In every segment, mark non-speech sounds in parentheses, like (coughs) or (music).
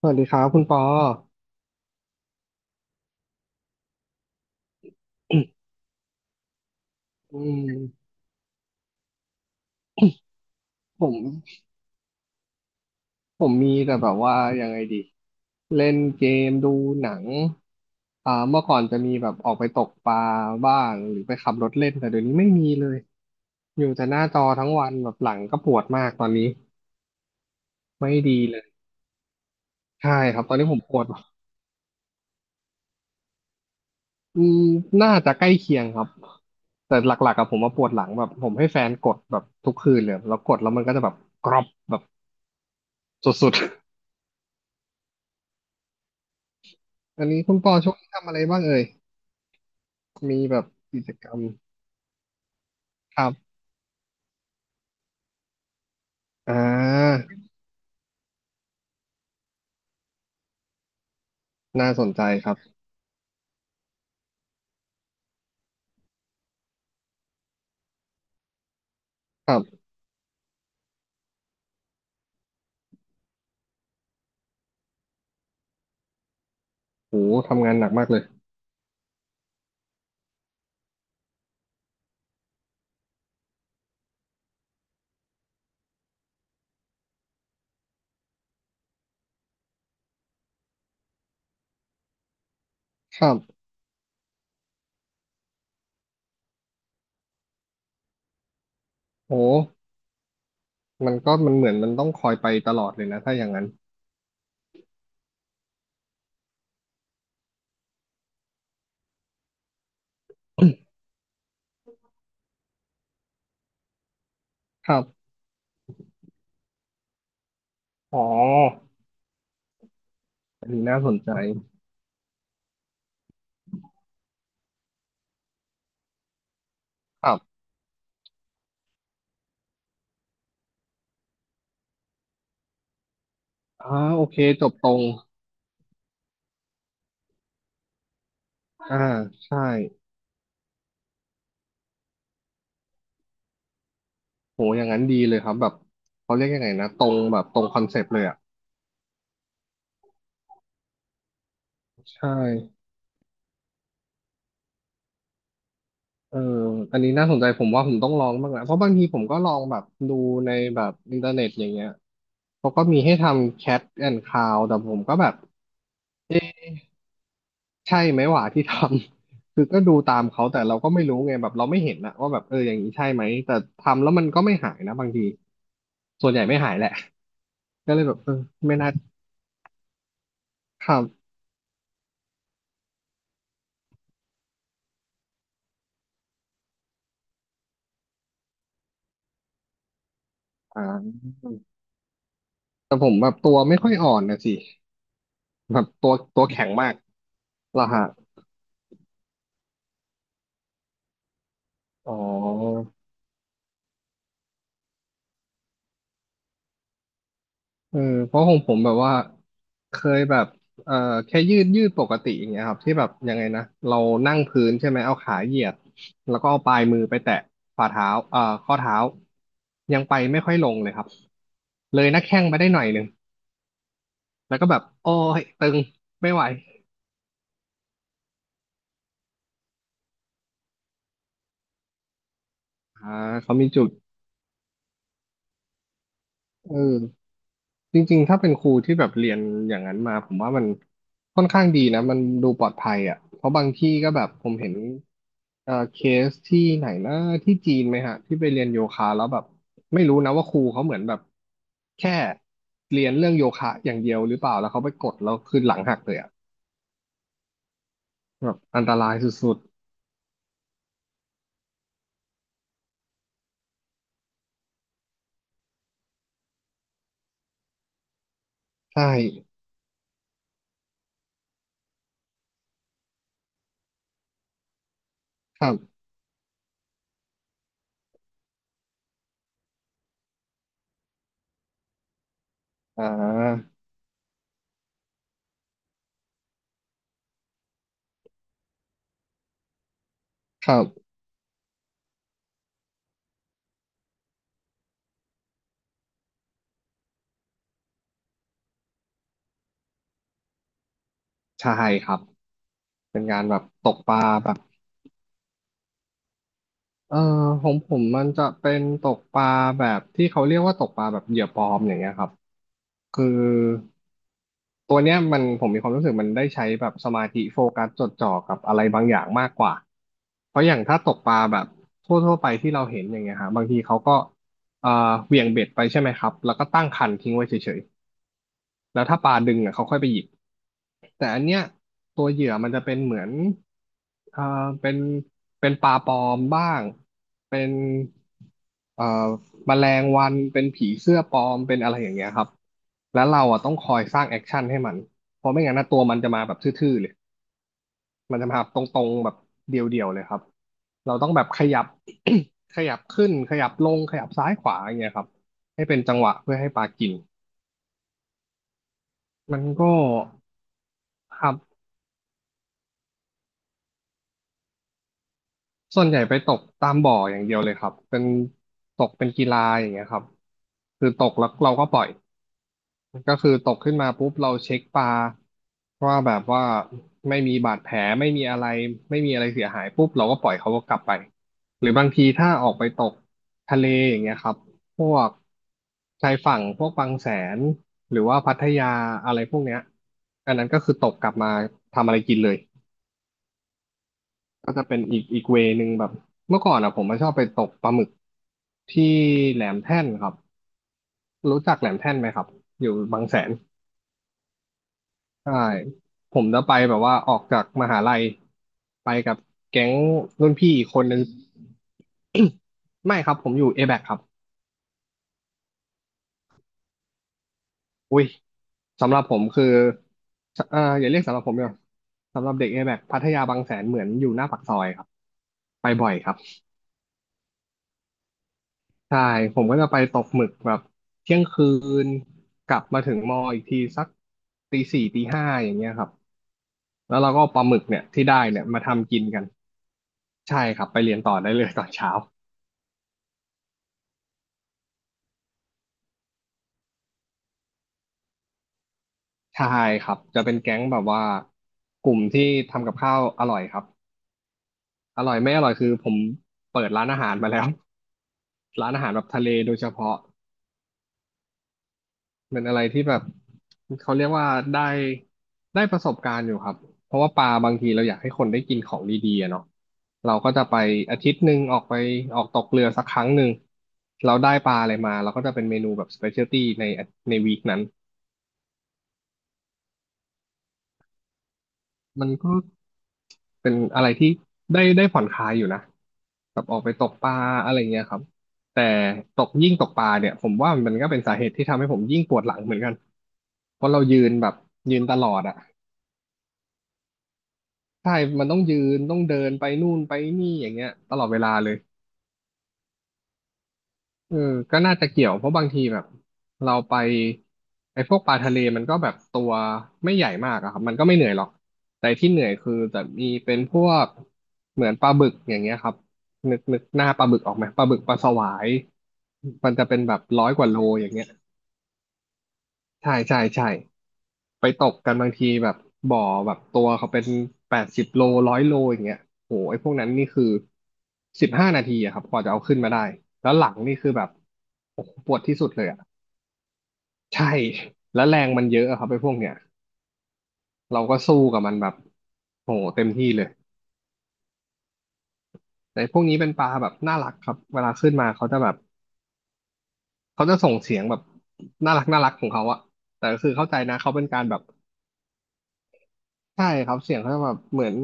สวัสดีครับคุณปอ (coughs) อืมผมผมมีแต่แบบว่ายังไงดีเล่นเกมดูหนังเมื่อก่อนจะมีแบบออกไปตกปลาบ้างหรือไปขับรถเล่นแต่เดี๋ยวนี้ไม่มีเลยอยู่แต่หน้าจอทั้งวันแบบหลังก็ปวดมากตอนนี้ไม่ดีเลยใช่ครับตอนนี้ผมปวดอืมน่าจะใกล้เคียงครับแต่หลักๆกับผมมาปวดหลังแบบผมให้แฟนกดแบบทุกคืนเลยแล้วกดแล้วมันก็จะแบบกรอบแบบสุดๆอันนี้คุณปอช่วงนี้ทำอะไรบ้างเอ่ย มีแบบกิจกรรมครับอ่าน่าสนใจครับครับโหทำงานหนักมากเลยครับโหมันก็มันเหมือนมันต้องคอยไปตลอดเลยนะถ้าอย่างนั้นครับอ๋ออันนี้น่าสนใจครับอ่าโอเคจบตรงอ่าใช่โหอย่างนั้นดีเลยครับแบบเขาเรียกยังไงนะตรงแบบตรงคอนเซปต์เลยอ่ะใช่เอออันนี้น่าสนใจผมว่าผมต้องลองบ้างนะเพราะบางทีผมก็ลองแบบดูในแบบอินเทอร์เน็ตอย่างเงี้ย เขาก็มีให้ทำ Cat and Cow แต่ผมก็แบบใช่ไหมหว่าที่ทำ (laughs) คือก็ดูตามเขาแต่เราก็ไม่รู้ไงแบบเราไม่เห็นนะว่าแบบเอออย่างนี้ใช่ไหมแต่ทำแล้วมันก็ไม่หายนะบางทีส่วนใหญ่ไม่หายแหละก็เลยแบบเออไม่น่าทำอ่าแต่ผมแบบตัวไม่ค่อยอ่อนนะสิแบบตัวแข็งมากเหรอฮะอ๋อ เออเพราะของผมแบบว่าเคยแบบเอ่อแค่ยืดปกติอย่างเงี้ยครับที่แบบยังไงนะเรานั่งพื้นใช่ไหมเอาขาเหยียดแล้วก็เอาปลายมือไปแตะฝ่าเท้าข้อเท้ายังไปไม่ค่อยลงเลยครับเลยหน้าแข้งไปได้หน่อยหนึ่งแล้วก็แบบโอ้ยตึงไม่ไหวอ่าเขามีจุดเออ จริงๆถ้าเป็นครูที่แบบเรียนอย่างนั้นมาผมว่ามันค่อนข้างดีนะมันดูปลอดภัยอ่ะเพราะบางที่ก็แบบผมเห็นเคสที่ไหนนะที่จีนไหมฮะที่ไปเรียนโยคะแล้วแบบไม่รู้นะว่าครูเขาเหมือนแบบแค่เรียนเรื่องโยคะอย่างเดียวหรือเปล่าแล้วเขาไปกดแล้วคือหลังหักเลยอ่ะแบบอันตรายสุดๆใช่ครับอ่าครับใช่ครับเป็นการแบบตกปลาแบบ เออของผมมันจะเป็นตกปลาแบบที่เขาเรียกว่าตกปลาแบบเหยื่อปลอมอย่างเงี้ยครับคือตัวเนี้ยมันผมมีความรู้สึกมันได้ใช้แบบสมาธิโฟกัสจดจ่อกับอะไรบางอย่างมากกว่าเพราะอย่างถ้าตกปลาแบบทั่วๆไปที่เราเห็นอย่างเงี้ยฮะบางทีเขาก็เอ่อเหวี่ยงเบ็ดไปใช่ไหมครับแล้วก็ตั้งคันทิ้งไว้เฉยๆแล้วถ้าปลาดึงอ่ะเขาค่อยไปหยิบ แต่อันเนี้ยตัวเหยื่อมันจะเป็นเหมือนเอ่อเป็นเป็นปลาปลอมบ้างเป็นเอ่อแมลงวันเป็นผีเสื้อปลอมเป็นอะไรอย่างเงี้ยครับแล้วเราอ่ะต้องคอยสร้างแอคชั่นให้มันเพราะไม่งั้นนะตัวมันจะมาแบบทื่อๆเลยมันจะมาแบบตรงๆแบบเดียวๆเลยครับเราต้องแบบขยับ (coughs) ขยับขึ้นขยับลงขยับซ้ายขวาอย่างเงี้ยครับให้เป็นจังหวะเพื่อให้ปลากินมันก็ครับ ส่วนใหญ่ไปตกตามบ่ออย่างเดียวเลยครับเป็นตกเป็นกีฬาอย่างเงี้ยครับคือตกแล้วเราก็ปล่อยก็คือตกขึ้นมาปุ๊บเราเช็คปลาว่าแบบว่าไม่มีบาดแผลไม่มีอะไรไม่มีอะไรเสียหายปุ๊บเราก็ปล่อยเขาก็กลับไปหรือบางทีถ้าออกไปตกทะเลอย่างเงี้ยครับพวกชายฝั่งพวกบางแสนหรือว่าพัทยาอะไรพวกเนี้ยอันนั้นก็คือตกกลับมาทำอะไรกินเลย ก็จะเป็นอีกเวนึงแบบเมื่อก่อนอ่ะผมมาชอบไปตกปลาหมึกที่แหลมแท่นครับรู้จักแหลมแท่นไหมครับอยู่บางแสนใช่ผมจะไปแบบว่าออกจากมหาลัยไปกับแก๊งรุ่นพี่อีกคนนึง (coughs) ไม่ครับผมอยู่ A-BAC คครับอุ้ยสำหรับผมคืออย่าเรียกสำหรับผมเลยสำหรับเด็ก A-BAC พัทยาบางแสนเหมือนอยู่หน้าปากซอยครับไปบ่อยครับ ใช่ผมก็จะไปตกหมึกแบบเที่ยงคืนกลับมาถึงมออีกทีสักตีสี่ตีห้าอย่างเงี้ยครับแล้วเราก็เอาปลาหมึกเนี่ยที่ได้เนี่ยมาทำกินกันใช่ครับไปเรียนต่อได้เลยตอนเช้าใช่ครับจะเป็นแก๊งแบบว่ากลุ่มที่ทำกับข้าวอร่อยครับอร่อยไม่อร่อยคือผมเปิดร้านอาหารมาแล้ว (laughs) ร้านอาหารแบบทะเลโดยเฉพาะ เป็นอะไรที่แบบเขาเรียกว่าได้ได้ประสบการณ์อยู่ครับเพราะว่าปลาบางทีเราอยากให้คนได้กินของดีๆอะเนาะเราก็จะไปอาทิตย์หนึ่งออกไปออกตกเรือสักครั้งหนึ่งเราได้ปลาอะไรมาเราก็จะเป็นเมนูแบบสเปเชียลตี้ในวีคนั้นมันก็เป็นอะไรที่ได้ผ่อนคลายอยู่นะแบบออกไปตกปลาอะไรเงี้ยครับแต่ตกยิ่งตกปลาเนี่ยผมว่ามันก็เป็นสาเหตุที่ทำให้ผมยิ่งปวดหลังเหมือนกันเพราะเรายืนแบบยืนตลอดอะ ใช่มันต้องยืนต้องเดินไปนู่นไปนี่อย่างเงี้ยตลอดเวลาเลยเออก็น่าจะเกี่ยวเพราะบางทีแบบเราไปไอ้พวกปลาทะเลมันก็แบบตัวไม่ใหญ่มากอะครับมันก็ไม่เหนื่อยหรอก แต่ที่เหนื่อยคือจะมีเป็นพวกเหมือนปลาบึกอย่างเงี้ยครับนึกหน้าปลาบึกออกไหมปลาบึกปลาสวายมันจะเป็นแบบ100 กว่าโลอย่างเงี้ยใช่ใช่ใช่ ไปตบกันบางทีแบบบ่อแบบตัวเขาเป็น80 โล100 โลอย่างเงี้ยโหไอ้พวกนั้นนี่คือ15 นาทีอะครับกว่าจะเอาขึ้นมาได้แล้วหลังนี่คือแบบโอ้โหปวดที่สุดเลยอะใช่แล้วแรงมันเยอะอะครับไอ้พวกเนี้ยเราก็สู้กับมันแบบโหเต็มที่เลยแต่พวกนี้เป็นปลาแบบน่ารักครับเวลาขึ้นมาเขาจะแบบเขาจะส่งเสียงแบบน่ารักน่ารักของเขาอะแต่ก็คือเข้าใจนะเขาเป็นการแบบใช่ครับเสียงเขาจะแบบเหมือน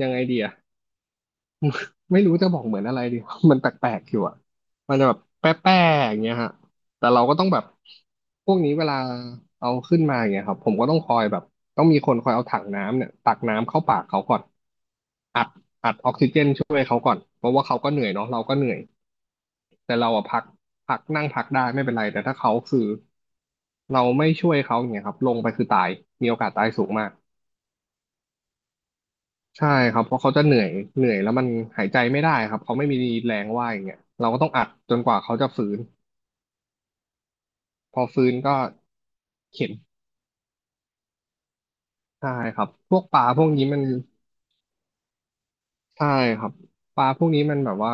ยังไงดีอะ ไม่รู้จะบอกเหมือนอะไรดี (laughs) มันแปลกๆอยู่อ่ะมันจะแบบแป๊ะๆอย่างเงี้ยฮะแต่เราก็ต้องแบบ พวกนี้เวลาเอาขึ้นมาอย่างเงี้ยครับ ผมก็ต้องคอยแบบ ต้องมีคนคอยเอาถังน้ำเนี่ยตักน้ำเข้าปากเขาก่อน อัดอัดออกซิเจนช่วยเขาก่อน เพราะว่าเขาก็เหนื่อยเนาะเราก็เหนื่อย แต่เราอะพักนั่งพักได้ไม่เป็นไร แต่ถ้าเขาคือเราไม่ช่วยเขาอย่างเงี้ยครับลงไปคือตายมีโอกาสตายสูงมาก ใช่ครับเพราะเขาจะเหนื่อยแล้วมันหายใจไม่ได้ครับเขาไม่มีแรงว่ายอย่างเงี้ยเราก็ต้องอัดจนกว่าเขาจะฟื้นพอฟื้นก็เข็นใช่ครับพวกปลาพวกนี้มันใช่ครับปลาพวกนี้มันแบบว่า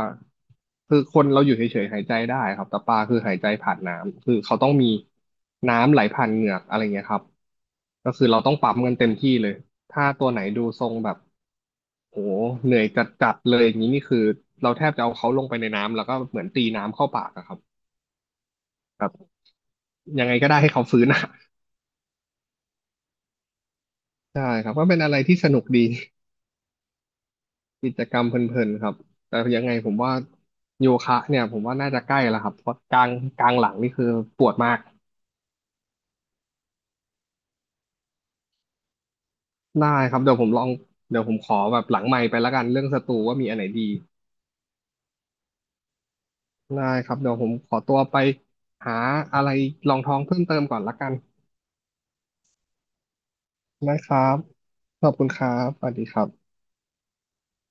คือคนเราอยู่เฉยๆหายใจได้ครับแต่ปลาคือหายใจผ่านน้ำคือเขาต้องมีน้ำไหลผ่านเหงือกอะไรเงี้ยครับก็คือเราต้องปั๊มกันเต็มที่เลยถ้าตัวไหนดูทรงแบบโหเหนื่อยจัดๆเลยอย่างนี้นี่คือเราแทบจะเอาเขาลงไปในน้ำแล้วก็เหมือนตีน้ำเข้าปากอะครับ ยังไงก็ได้ให้เขาฟื้นอะ (laughs) ใช่ครับก็เป็นอะไรที่สนุกดีกิจกรรมเพลินๆครับแต่ยังไงผมว่าโยคะเนี่ยผมว่าน่าจะใกล้แล้วครับเพราะกลางหลังนี่คือปวดมากได้ครับเดี๋ยวผมลองเดี๋ยวผมขอแบบหลังไมค์ไปแล้วกันเรื่องสตูว่ามีอันไหนดีได้ครับเดี๋ยวผมขอตัวไปหาอะไรรองท้องเพิ่มเติมก่อนละกันนะครับขอบคุณครับสวัสดีครับ